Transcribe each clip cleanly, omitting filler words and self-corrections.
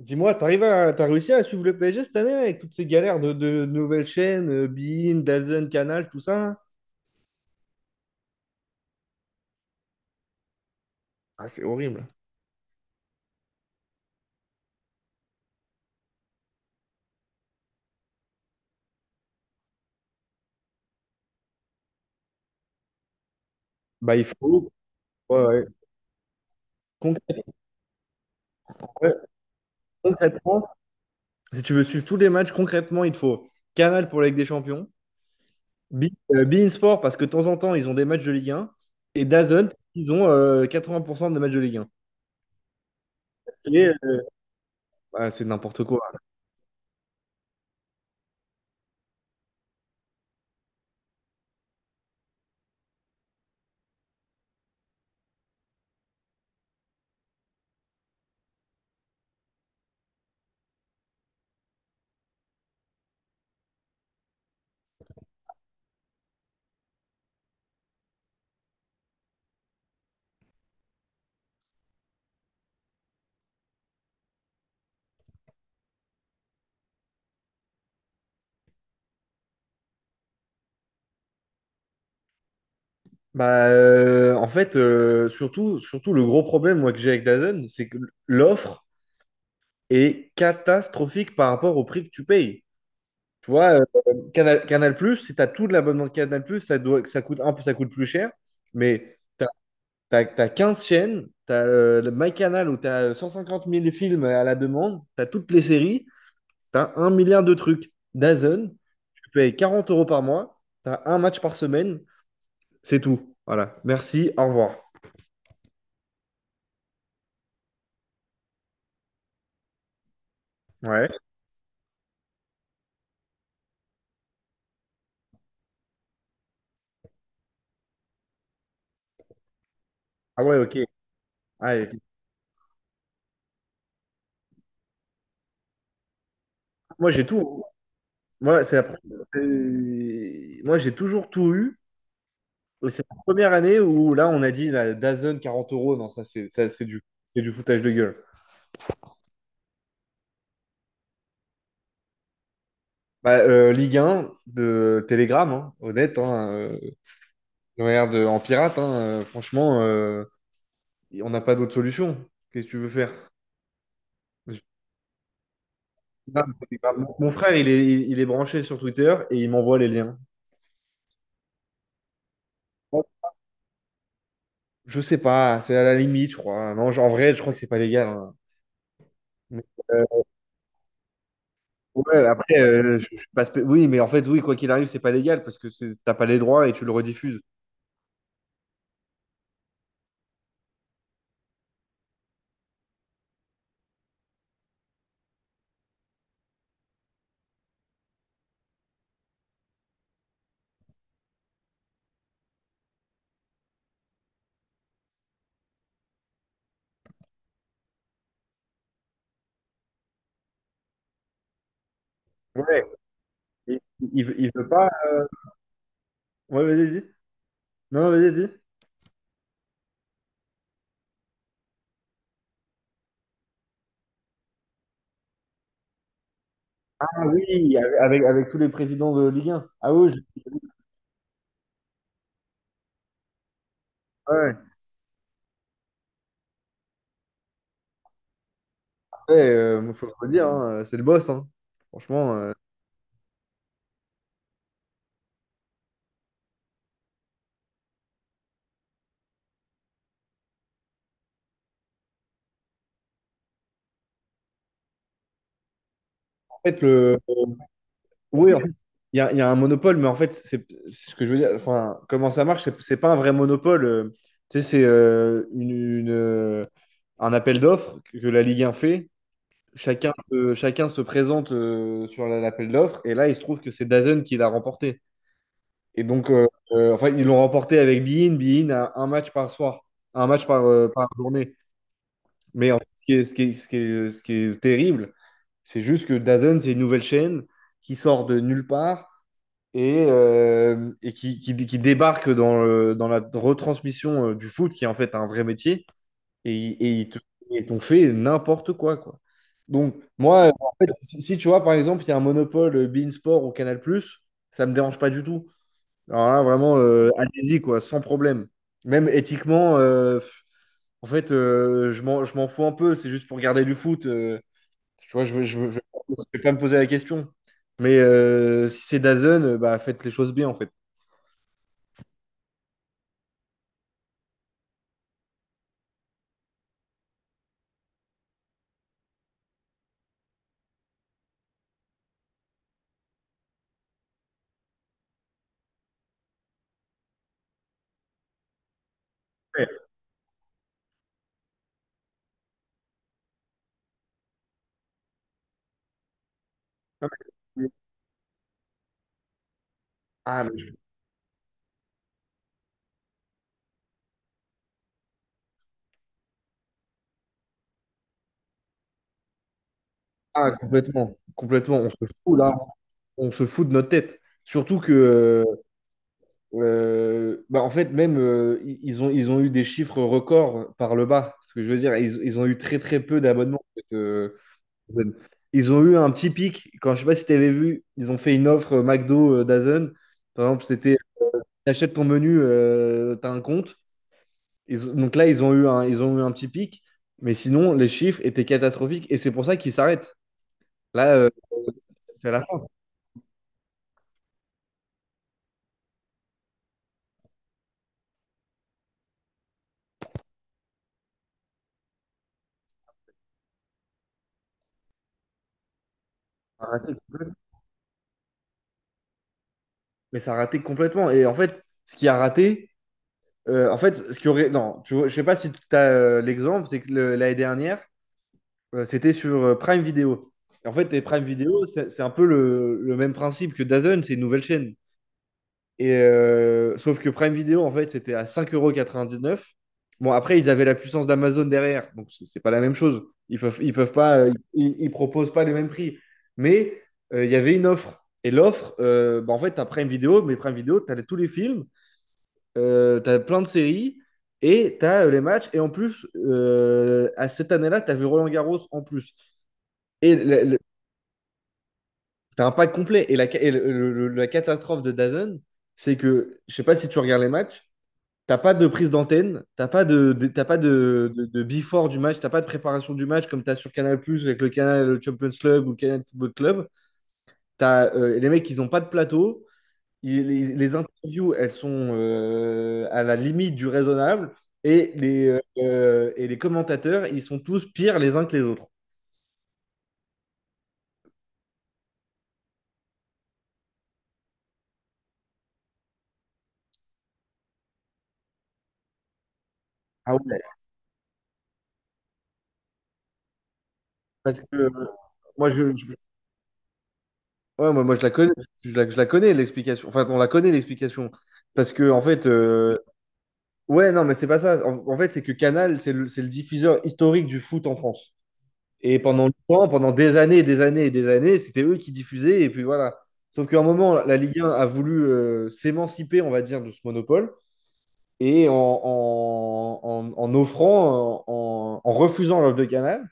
Dis-moi, t'as réussi à suivre le PSG cette année avec toutes ces galères de nouvelles chaînes, beIN, DAZN, Canal, tout ça? Hein? Ah, c'est horrible. Bah, il faut. Ouais, ouais. Concrètement, ouais, concrètement, si tu veux suivre tous les matchs, concrètement, il te faut Canal pour la Ligue des Champions, Be- beIN Sport parce que de temps en temps, ils ont des matchs de Ligue 1, et DAZN, ils ont 80% des matchs de Ligue 1. Et, bah, c'est n'importe quoi. Bah, en fait, surtout, le gros problème moi, que j'ai avec DAZN, c'est que l'offre est catastrophique par rapport au prix que tu payes. Tu vois, Canal+, si tu as tout de l'abonnement de Canal+, ça coûte un peu, ça coûte plus cher, mais tu as 15 chaînes, tu as MyCanal où tu as 150 000 films à la demande, tu as toutes les séries, tu as un milliard de trucs. DAZN, tu payes 40 € par mois, tu as un match par semaine, c'est tout. Voilà, merci, au revoir. Ouais. Ah ouais, ok. Ah, ok. Moi, j'ai tout. Moi, c'est la première- c'est- Moi, j'ai toujours tout eu. Et c'est la première année où là, on a dit la DAZN 40 euros. Non, ça, c'est ça, c'est du foutage de gueule. Bah, Ligue 1, de Telegram, hein, honnête, hein, regarde en pirate, hein, franchement, on n'a pas d'autre solution. Qu'est-ce que tu veux faire? Je- Ah, Telegram. Mon frère, il est branché sur Twitter et il m'envoie les liens. Je sais pas, c'est à la limite, je crois. Non, en vrai, je crois que c'est pas légal. Hein. Mais, euh, ouais, après, je suis pas spé- oui, mais en fait, oui, quoi qu'il arrive, c'est pas légal parce que t'as pas les droits et tu le rediffuses. Ouais, il veut pas. Ouais, vas-y, vas-y. Non, non, vas-y, vas-y. Ah oui, avec tous les présidents de Ligue 1. Ah oui, ouais. Ouais, moi, faut le redire, hein, c'est le boss. Hein. Franchement, en fait, le... Oui, en fait, il y a un monopole, mais en fait, c'est ce que je veux dire. Enfin, comment ça marche, c'est pas un vrai monopole. Tu sais, c'est un appel d'offres que la Ligue 1 fait. Chacun se présente sur l'appel d'offres, et là, il se trouve que c'est DAZN qui l'a remporté. Et donc, enfin, ils l'ont remporté avec Bein. Bein a un match par soir, un match par journée. Mais en fait, ce qui est terrible, c'est juste que DAZN, c'est une nouvelle chaîne qui sort de nulle part et qui débarque dans la retransmission du foot, qui est en fait un vrai métier, et ils t'ont fait n'importe quoi, quoi. Donc, moi, en fait, si tu vois, par exemple, il y a un monopole beIN Sport ou Canal+, ça me dérange pas du tout. Alors là, vraiment, allez-y, quoi, sans problème. Même éthiquement, pff, en fait, je m'en fous un peu, c'est juste pour garder du foot. Tu vois, je ne je, je vais pas me poser la question. Mais si c'est DAZN, bah, faites les choses bien, en fait. Ouais. Non, mais c'est- Ah, mais- ah, complètement, complètement. On se fout là, on se fout de notre tête. Surtout que, bah, en fait, même ils ont eu des chiffres records par le bas. Ce que je veux dire, ils ont eu très très peu d'abonnements, en fait. Dazen. Ils ont eu un petit pic. Quand je sais pas si tu avais vu, ils ont fait une offre McDo Dazen. Par exemple, c'était t'achètes ton menu, t'as un compte. Donc là, ils ont eu un petit pic. Mais sinon, les chiffres étaient catastrophiques et c'est pour ça qu'ils s'arrêtent. Là, c'est la fin. Ça a raté complètement. Mais ça a raté complètement. Et en fait, ce qui a raté, en fait, ce qui aurait. Non, tu vois, je sais pas si tu as l'exemple, c'est que l'année dernière, c'était sur Prime Video. Et en fait, et Prime Video, c'est un peu le même principe que DAZN, c'est une nouvelle chaîne. Et sauf que Prime Video, en fait, c'était à 5,99€. Bon, après, ils avaient la puissance d'Amazon derrière, donc c'est pas la même chose. Ils peuvent pas, ils proposent pas les mêmes prix. Mais il y avait une offre. Et l'offre, bah, en fait, tu as Prime Video, mais Prime Video, tu as tous les films, tu as plein de séries et tu as les matchs. Et en plus, à cette année-là, tu avais Roland Garros en plus. Et le- le- T'as un pack complet. Et la, ca- et le- la catastrophe de DAZN, c'est que, je sais pas si tu regardes les matchs, t'as pas de prise d'antenne, t'as pas de before du match, t'as pas de préparation du match comme t'as sur Canal+, Plus avec le canal le Champions Club ou le Canal Football Club. Les mecs, ils ont pas de plateau. Les interviews, elles sont à la limite du raisonnable. Et les commentateurs, ils sont tous pires les uns que les autres. Ah ouais. Parce que moi, je, Ouais, moi je la connais, je la connais l'explication. Enfin, on la connaît l'explication. Parce que, en fait, ouais, non, mais c'est pas ça. En fait, c'est que Canal, c'est c'est le diffuseur historique du foot en France. Et pendant longtemps, pendant des années, et des années et des années, c'était eux qui diffusaient. Et puis voilà. Sauf qu'à un moment, la Ligue 1 a voulu s'émanciper, on va dire, de ce monopole. Et en offrant, en refusant l'offre de Canal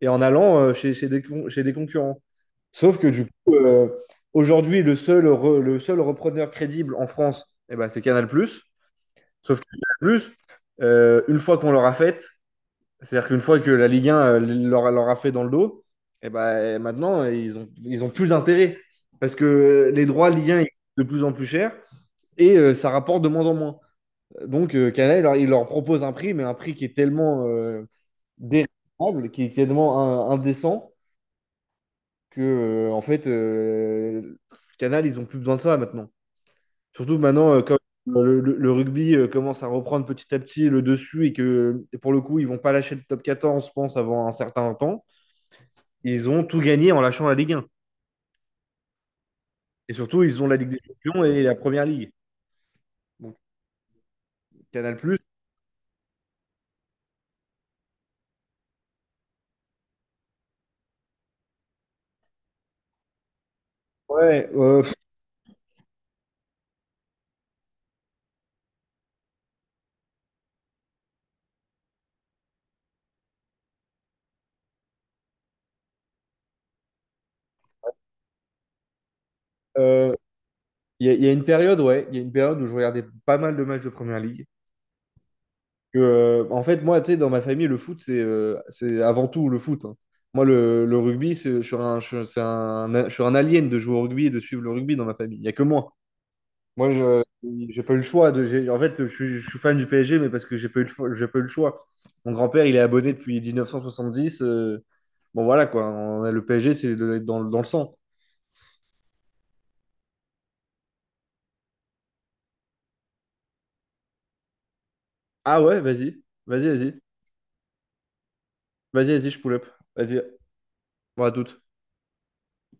et en allant chez des concurrents. Sauf que du coup, aujourd'hui, le seul repreneur crédible en France, eh ben, c'est Canal+. Sauf que Canal+, une fois qu'on leur a fait, c'est-à-dire qu'une fois que la Ligue 1 leur a fait dans le dos, eh ben, maintenant, ils ont plus d'intérêt. Parce que les droits Ligue 1 ils coûtent de plus en plus cher et ça rapporte de moins en moins. Donc, Canal, il leur propose un prix, mais un prix qui est tellement déraisonnable, qui est tellement indécent, que en fait Canal ils ont plus besoin de ça maintenant. Surtout maintenant comme le rugby commence à reprendre petit à petit le dessus et que pour le coup ils vont pas lâcher le Top 14 je pense avant un certain temps. Ils ont tout gagné en lâchant la Ligue 1 et surtout ils ont la Ligue des Champions et la Première Ligue. Donc Canal+. Ouais, euh, il y a une période, ouais, il y a une période où je regardais pas mal de matchs de Première Ligue. Que, en fait, moi, tu sais, dans ma famille, le foot, c'est avant tout le foot. Hein. Moi, le rugby, je suis un alien de jouer au rugby et de suivre le rugby dans ma famille. Il n'y a que moi. Moi, je j'ai pas eu le choix. En fait, je suis fan du PSG, mais parce que j'ai pas eu le choix. Mon grand-père, il est abonné depuis 1970. Bon, voilà, quoi. Le PSG, c'est dans le sang. Ah ouais, vas-y. Vas-y, vas-y. Vas-y, vas-y, je pull up. Vas-y. Bon, à toutes.